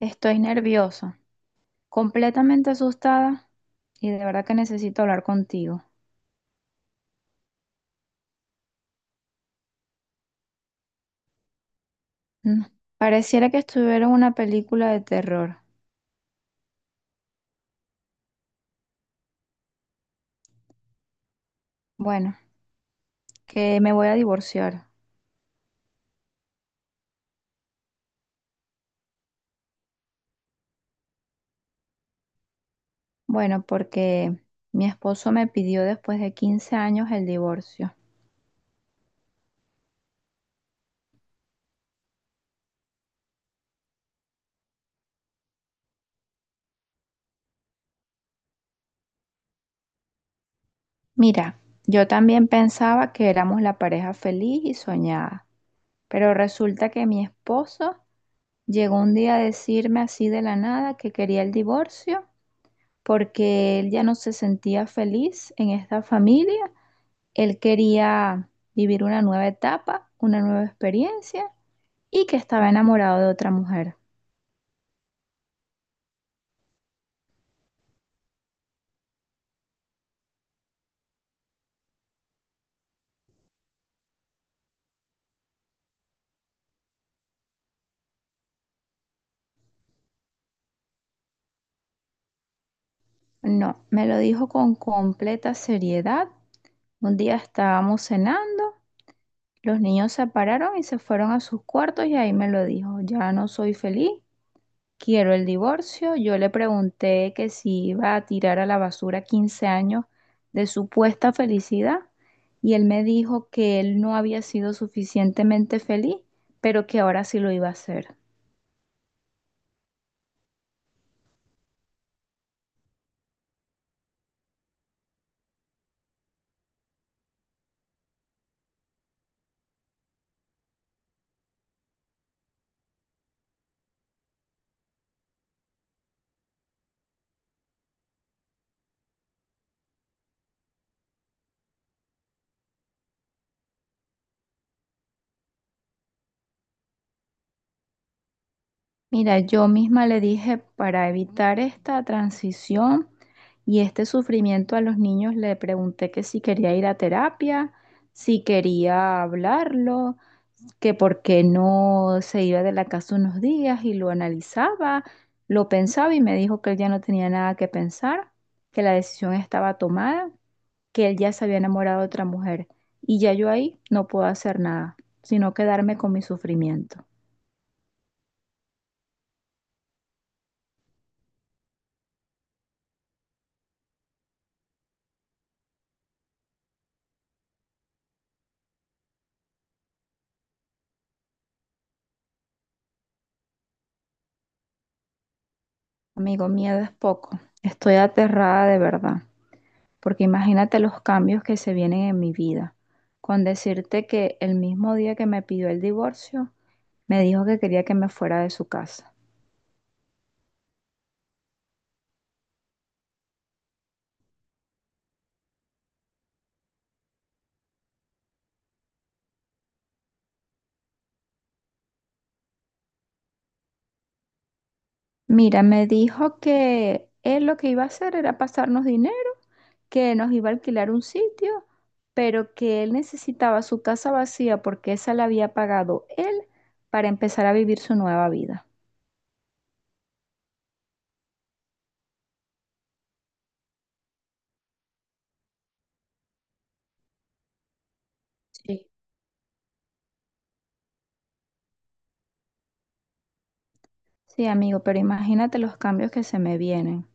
Estoy nerviosa, completamente asustada y de verdad que necesito hablar contigo. Mm. Pareciera que estuviera en una película de terror. Bueno, que me voy a divorciar. Bueno, porque mi esposo me pidió, después de 15 años, el divorcio. Mira, yo también pensaba que éramos la pareja feliz y soñada, pero resulta que mi esposo llegó un día a decirme así de la nada que quería el divorcio porque él ya no se sentía feliz en esta familia. Él quería vivir una nueva etapa, una nueva experiencia, y que estaba enamorado de otra mujer. No, me lo dijo con completa seriedad. Un día estábamos cenando, los niños se pararon y se fueron a sus cuartos y ahí me lo dijo: ya no soy feliz, quiero el divorcio. Yo le pregunté que si iba a tirar a la basura 15 años de supuesta felicidad, y él me dijo que él no había sido suficientemente feliz, pero que ahora sí lo iba a hacer. Mira, yo misma le dije, para evitar esta transición y este sufrimiento a los niños, le pregunté que si quería ir a terapia, si quería hablarlo, que por qué no se iba de la casa unos días y lo analizaba, lo pensaba, y me dijo que él ya no tenía nada que pensar, que la decisión estaba tomada, que él ya se había enamorado de otra mujer. Y ya yo ahí no puedo hacer nada, sino quedarme con mi sufrimiento. Amigo, miedo es poco. Estoy aterrada de verdad, porque imagínate los cambios que se vienen en mi vida. Con decirte que el mismo día que me pidió el divorcio, me dijo que quería que me fuera de su casa. Mira, me dijo que él lo que iba a hacer era pasarnos dinero, que nos iba a alquilar un sitio, pero que él necesitaba su casa vacía porque esa la había pagado él, para empezar a vivir su nueva vida. Sí. Sí, amigo, pero imagínate los cambios que se me vienen.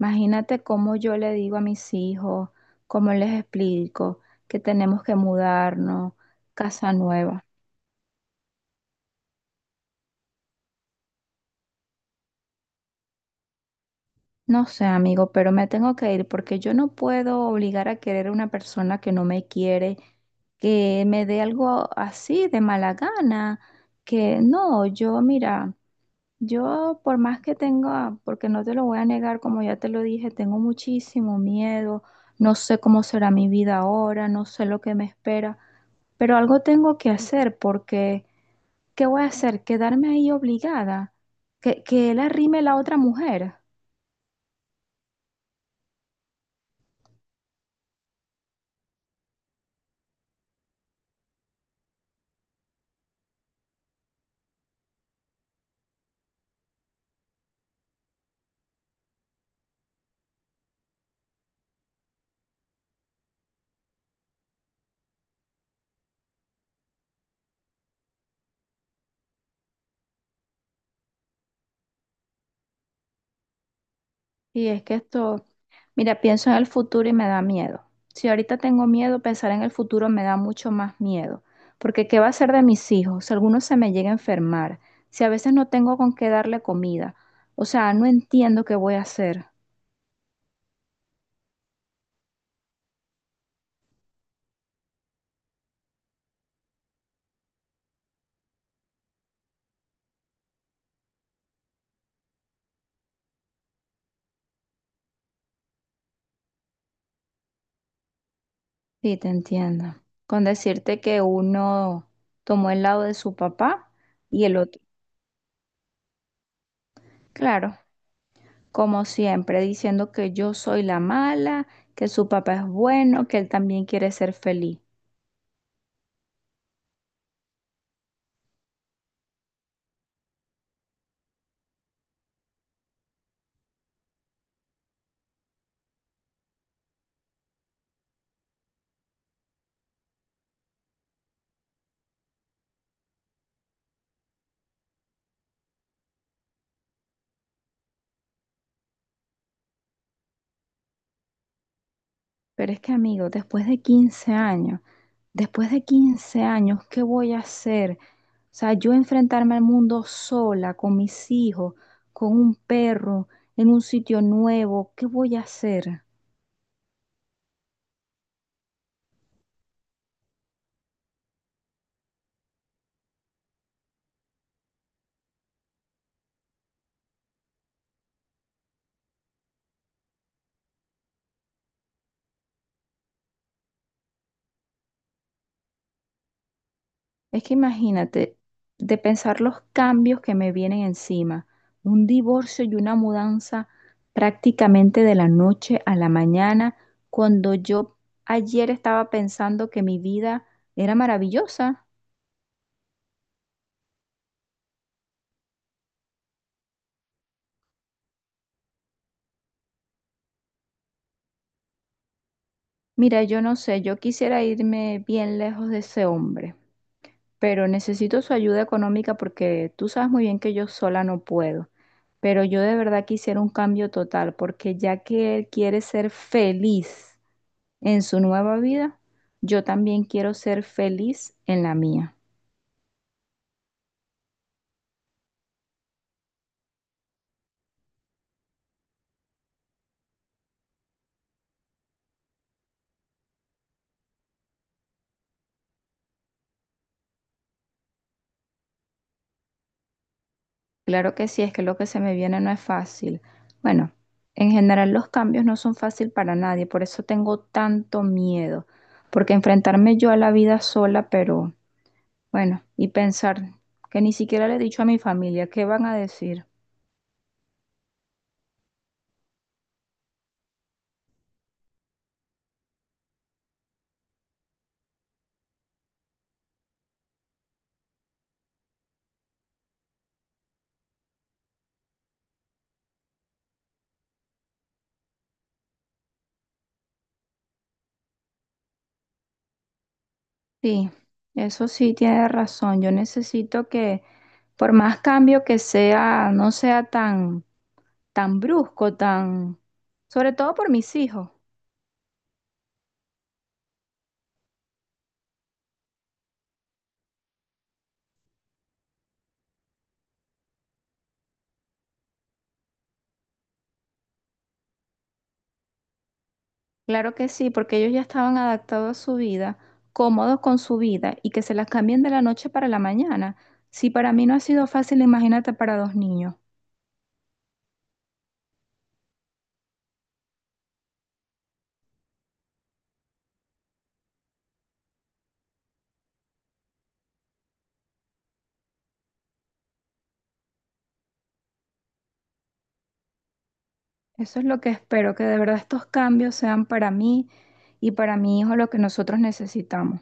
Imagínate cómo yo le digo a mis hijos, cómo les explico que tenemos que mudarnos, casa nueva. No sé, amigo, pero me tengo que ir porque yo no puedo obligar a querer a una persona que no me quiere, que me dé algo así de mala gana, que no. Yo mira, yo por más que tenga, porque no te lo voy a negar, como ya te lo dije, tengo muchísimo miedo, no sé cómo será mi vida ahora, no sé lo que me espera, pero algo tengo que hacer porque, ¿qué voy a hacer? ¿Quedarme ahí obligada? ¿Que él arrime la otra mujer? Y es que esto, mira, pienso en el futuro y me da miedo. Si ahorita tengo miedo, pensar en el futuro me da mucho más miedo, porque ¿qué va a ser de mis hijos si alguno se me llega a enfermar? Si a veces no tengo con qué darle comida. O sea, no entiendo qué voy a hacer. Sí, te entiendo. Con decirte que uno tomó el lado de su papá y el otro. Claro, como siempre, diciendo que yo soy la mala, que su papá es bueno, que él también quiere ser feliz. Pero es que, amigo, después de 15 años, después de 15 años, ¿qué voy a hacer? O sea, yo enfrentarme al mundo sola, con mis hijos, con un perro, en un sitio nuevo, ¿qué voy a hacer? Es que imagínate, de pensar los cambios que me vienen encima, un divorcio y una mudanza prácticamente de la noche a la mañana, cuando yo ayer estaba pensando que mi vida era maravillosa. Mira, yo no sé, yo quisiera irme bien lejos de ese hombre, pero necesito su ayuda económica porque tú sabes muy bien que yo sola no puedo. Pero yo de verdad quisiera un cambio total, porque ya que él quiere ser feliz en su nueva vida, yo también quiero ser feliz en la mía. Claro que sí, es que lo que se me viene no es fácil. Bueno, en general los cambios no son fácil para nadie, por eso tengo tanto miedo, porque enfrentarme yo a la vida sola, pero bueno, y pensar que ni siquiera le he dicho a mi familia, ¿qué van a decir? Sí, eso sí tiene razón, yo necesito que, por más cambio que sea, no sea tan tan brusco. Sobre todo por mis hijos. Claro que sí, porque ellos ya estaban adaptados a su vida, cómodos con su vida, y que se las cambien de la noche para la mañana. Si para mí no ha sido fácil, imagínate para dos niños. Eso es lo que espero, que de verdad estos cambios sean para mí y para mi hijo lo que nosotros necesitamos.